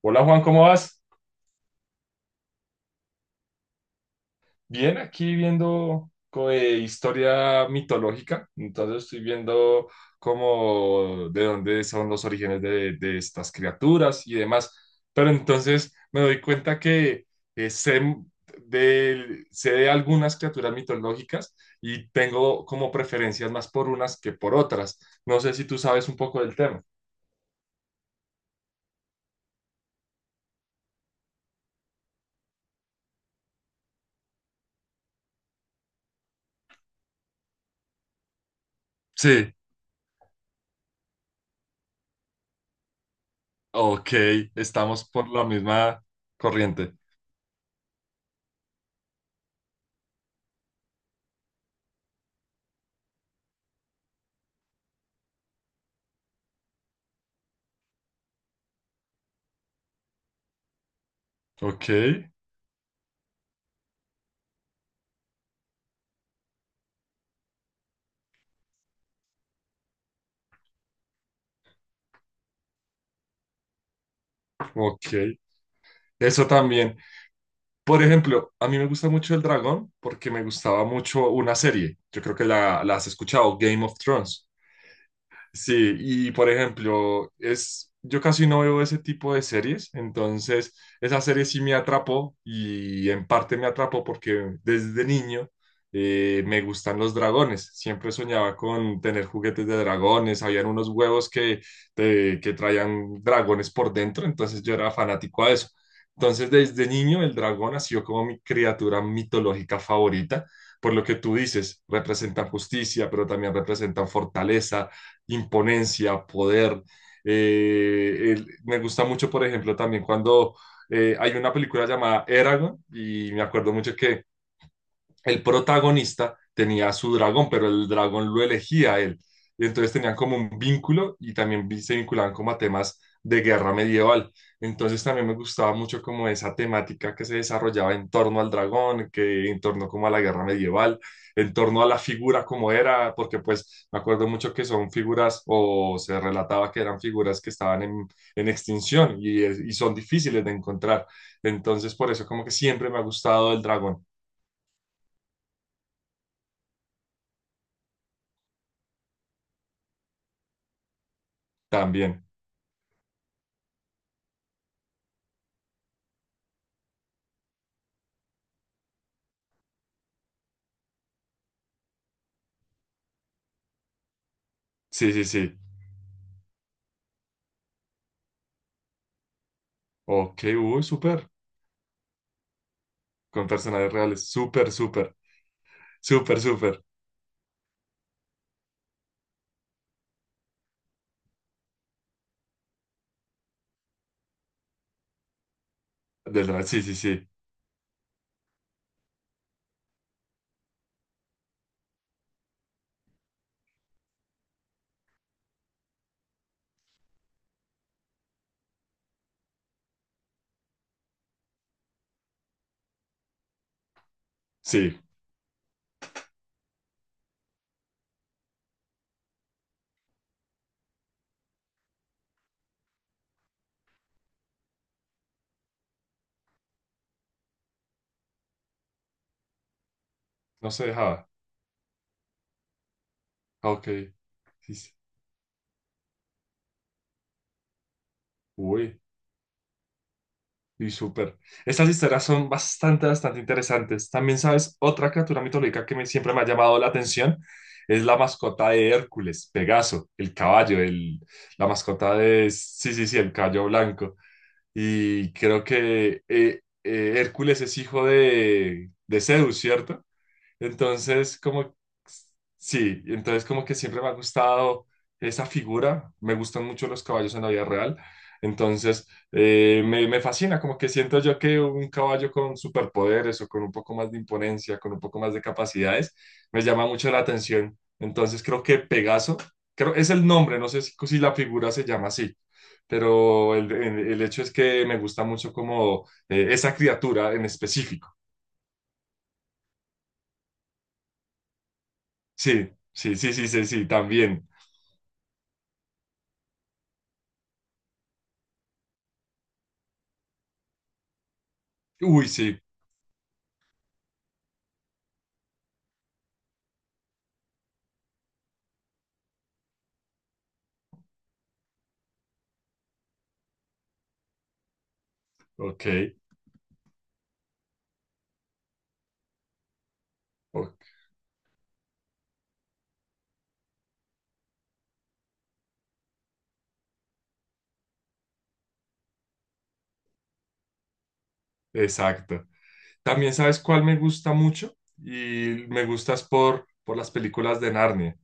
Hola Juan, ¿cómo vas? Bien, aquí viendo historia mitológica, entonces estoy viendo cómo de dónde son los orígenes de estas criaturas y demás, pero entonces me doy cuenta que eh, sé sé de algunas criaturas mitológicas y tengo como preferencias más por unas que por otras. No sé si tú sabes un poco del tema. Sí, ok, estamos por la misma corriente. Ok, ok. Eso también. Por ejemplo, a mí me gusta mucho El Dragón porque me gustaba mucho una serie. Yo creo que la has escuchado, Game of Thrones. Sí, y por ejemplo, yo casi no veo ese tipo de series, entonces esa serie sí me atrapó y en parte me atrapó porque desde niño me gustan los dragones, siempre soñaba con tener juguetes de dragones, habían unos huevos que traían dragones por dentro, entonces yo era fanático a eso. Entonces desde niño el dragón ha sido como mi criatura mitológica favorita, por lo que tú dices, representan justicia, pero también representan fortaleza, imponencia, poder. Me gusta mucho, por ejemplo, también cuando hay una película llamada Eragon y me acuerdo mucho que el protagonista tenía su dragón, pero el dragón lo elegía a él. Y entonces tenían como un vínculo y también se vinculaban como a temas de guerra medieval. Entonces también me gustaba mucho como esa temática que se desarrollaba en torno al dragón, que en torno como a la guerra medieval, en torno a la figura como era, porque pues me acuerdo mucho que son figuras o se relataba que eran figuras que estaban en extinción y son difíciles de encontrar. Entonces por eso como que siempre me ha gustado el dragón también. Sí, sí, sí. Ok, uy, súper. Con personajes reales. Súper, súper. Súper, súper. Desde la... Sí, sí, sí. Sí. No se dejaba. Ah, ok. Sí, sí. Uy, y súper. Estas historias son bastante, bastante interesantes. También, ¿sabes? Otra criatura mitológica que siempre me ha llamado la atención es la mascota de Hércules, Pegaso, el caballo, el, la mascota de... Sí, sí, sí, el caballo blanco. Y creo que Hércules es hijo de Zeus, ¿cierto? Entonces, como, sí, entonces como que siempre me ha gustado esa figura, me gustan mucho los caballos en la vida real, entonces me fascina, como que siento yo que un caballo con superpoderes o con un poco más de imponencia, con un poco más de capacidades, me llama mucho la atención. Entonces creo que Pegaso, creo, es el nombre, no sé si la figura se llama así, pero el hecho es que me gusta mucho como esa criatura en específico. Sí, sí, sí, sí, sí, sí, también. Uy, sí, ok, ok, exacto. También sabes cuál me gusta mucho y me gustas por las películas de Narnia,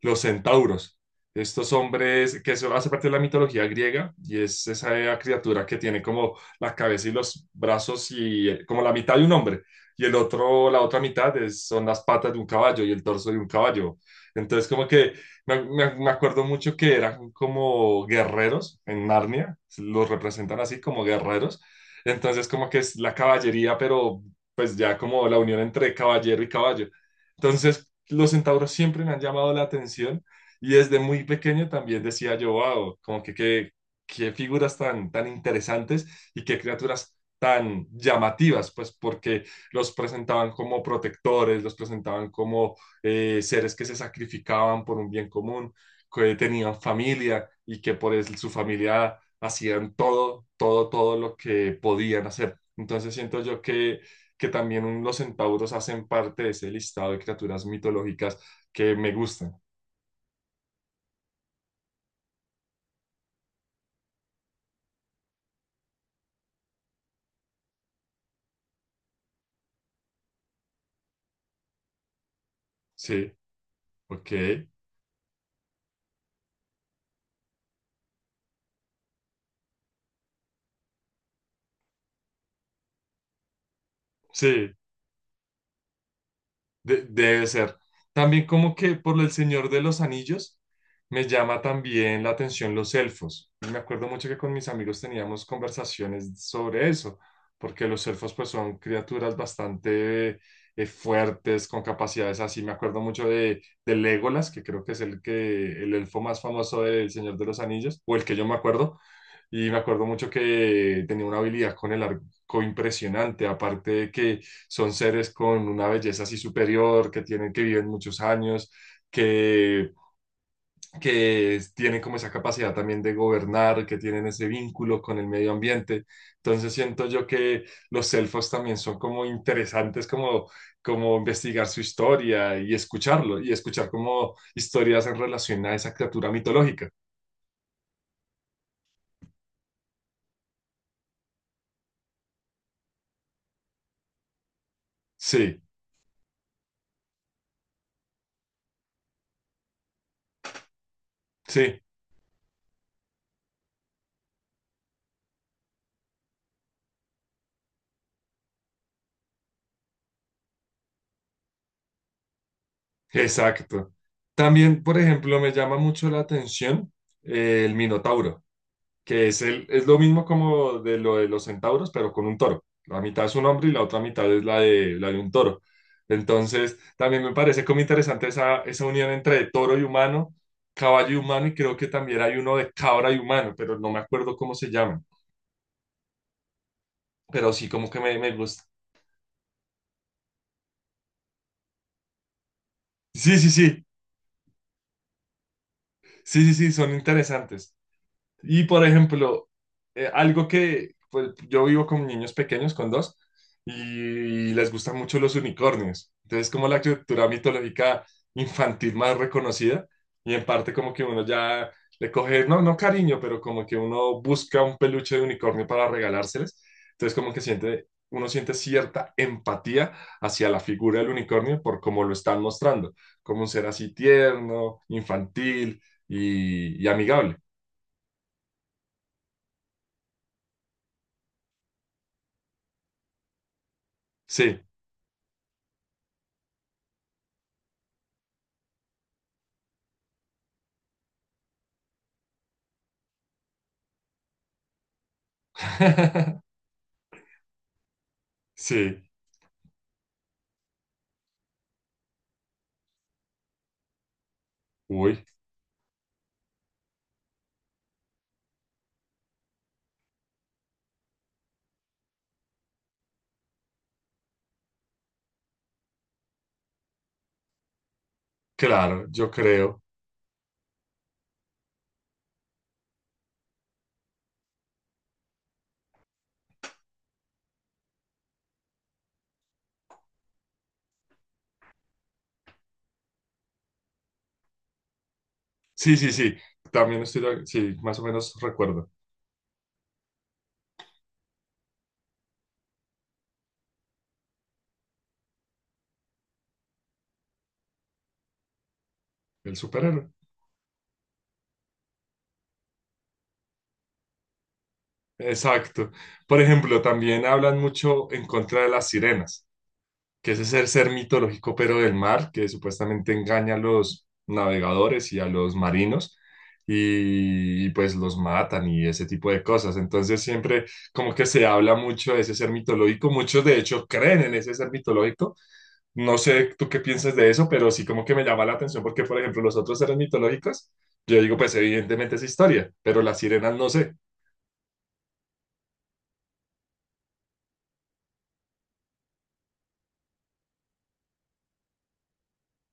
los centauros. Estos hombres que eso hace parte de la mitología griega y es esa criatura que tiene como la cabeza y los brazos y como la mitad de un hombre y el otro, la otra mitad son las patas de un caballo y el torso de un caballo. Entonces como que me acuerdo mucho que eran como guerreros en Narnia, los representan así como guerreros. Entonces, como que es la caballería, pero pues ya como la unión entre caballero y caballo. Entonces, los centauros siempre me han llamado la atención y desde muy pequeño también decía yo, wow, como que qué figuras tan, tan interesantes y qué criaturas tan llamativas, pues porque los presentaban como protectores, los presentaban como seres que se sacrificaban por un bien común, que tenían familia y que por su familia hacían todo, todo, todo lo que podían hacer. Entonces siento yo que también los centauros hacen parte de ese listado de criaturas mitológicas que me gustan. Sí, ok, sí. Debe ser. También como que por El Señor de los Anillos me llama también la atención los elfos. Y me acuerdo mucho que con mis amigos teníamos conversaciones sobre eso, porque los elfos pues son criaturas bastante fuertes, con capacidades así. Me acuerdo mucho de Legolas, que creo que es el elfo más famoso del Señor de los Anillos, o el que yo me acuerdo. Y me acuerdo mucho que tenía una habilidad con el arco impresionante, aparte de que son seres con una belleza así superior, que tienen que vivir muchos años, que, que tienen como esa capacidad también de gobernar, que tienen ese vínculo con el medio ambiente. Entonces siento yo que los elfos también son como interesantes, como, como investigar su historia y escucharlo, y escuchar como historias en relación a esa criatura mitológica. Sí, sí, exacto. También, por ejemplo, me llama mucho la atención el Minotauro. Que es lo mismo como de lo de los centauros, pero con un toro. La mitad es un hombre y la otra mitad es la de un toro. Entonces, también me parece como interesante esa, esa unión entre toro y humano, caballo y humano, y creo que también hay uno de cabra y humano, pero no me acuerdo cómo se llaman, pero sí como que me gusta. Sí, sí, sí, sí, sí, sí, son interesantes. Y por ejemplo, algo que pues, yo vivo con niños pequeños, con dos, y les gustan mucho los unicornios. Entonces, como la cultura mitológica infantil más reconocida, y en parte como que uno ya le coge, no, no cariño, pero como que uno busca un peluche de unicornio para regalárseles. Entonces, como que siente, uno siente cierta empatía hacia la figura del unicornio por cómo lo están mostrando, como un ser así tierno, infantil y amigable. Sí. Sí, uy, claro, yo creo. Sí, sí, sí, también estoy, sí, más o menos recuerdo, el superhéroe. Exacto. Por ejemplo, también hablan mucho en contra de las sirenas. Que es ese ser mitológico pero del mar, que supuestamente engaña a los navegadores y a los marinos y, pues los matan y ese tipo de cosas. Entonces siempre como que se habla mucho de ese ser mitológico, muchos de hecho creen en ese ser mitológico. No sé tú qué piensas de eso, pero sí como que me llama la atención porque, por ejemplo, los otros seres mitológicos, yo digo, pues evidentemente es historia, pero las sirenas no sé.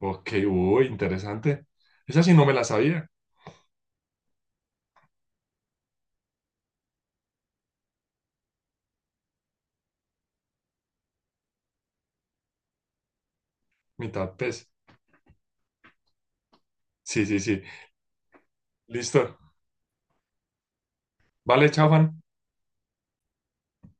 Ok, uy, interesante. Esa sí no me la sabía, mitad pez. Sí, sí, sí. Listo. Vale, chao, Juan.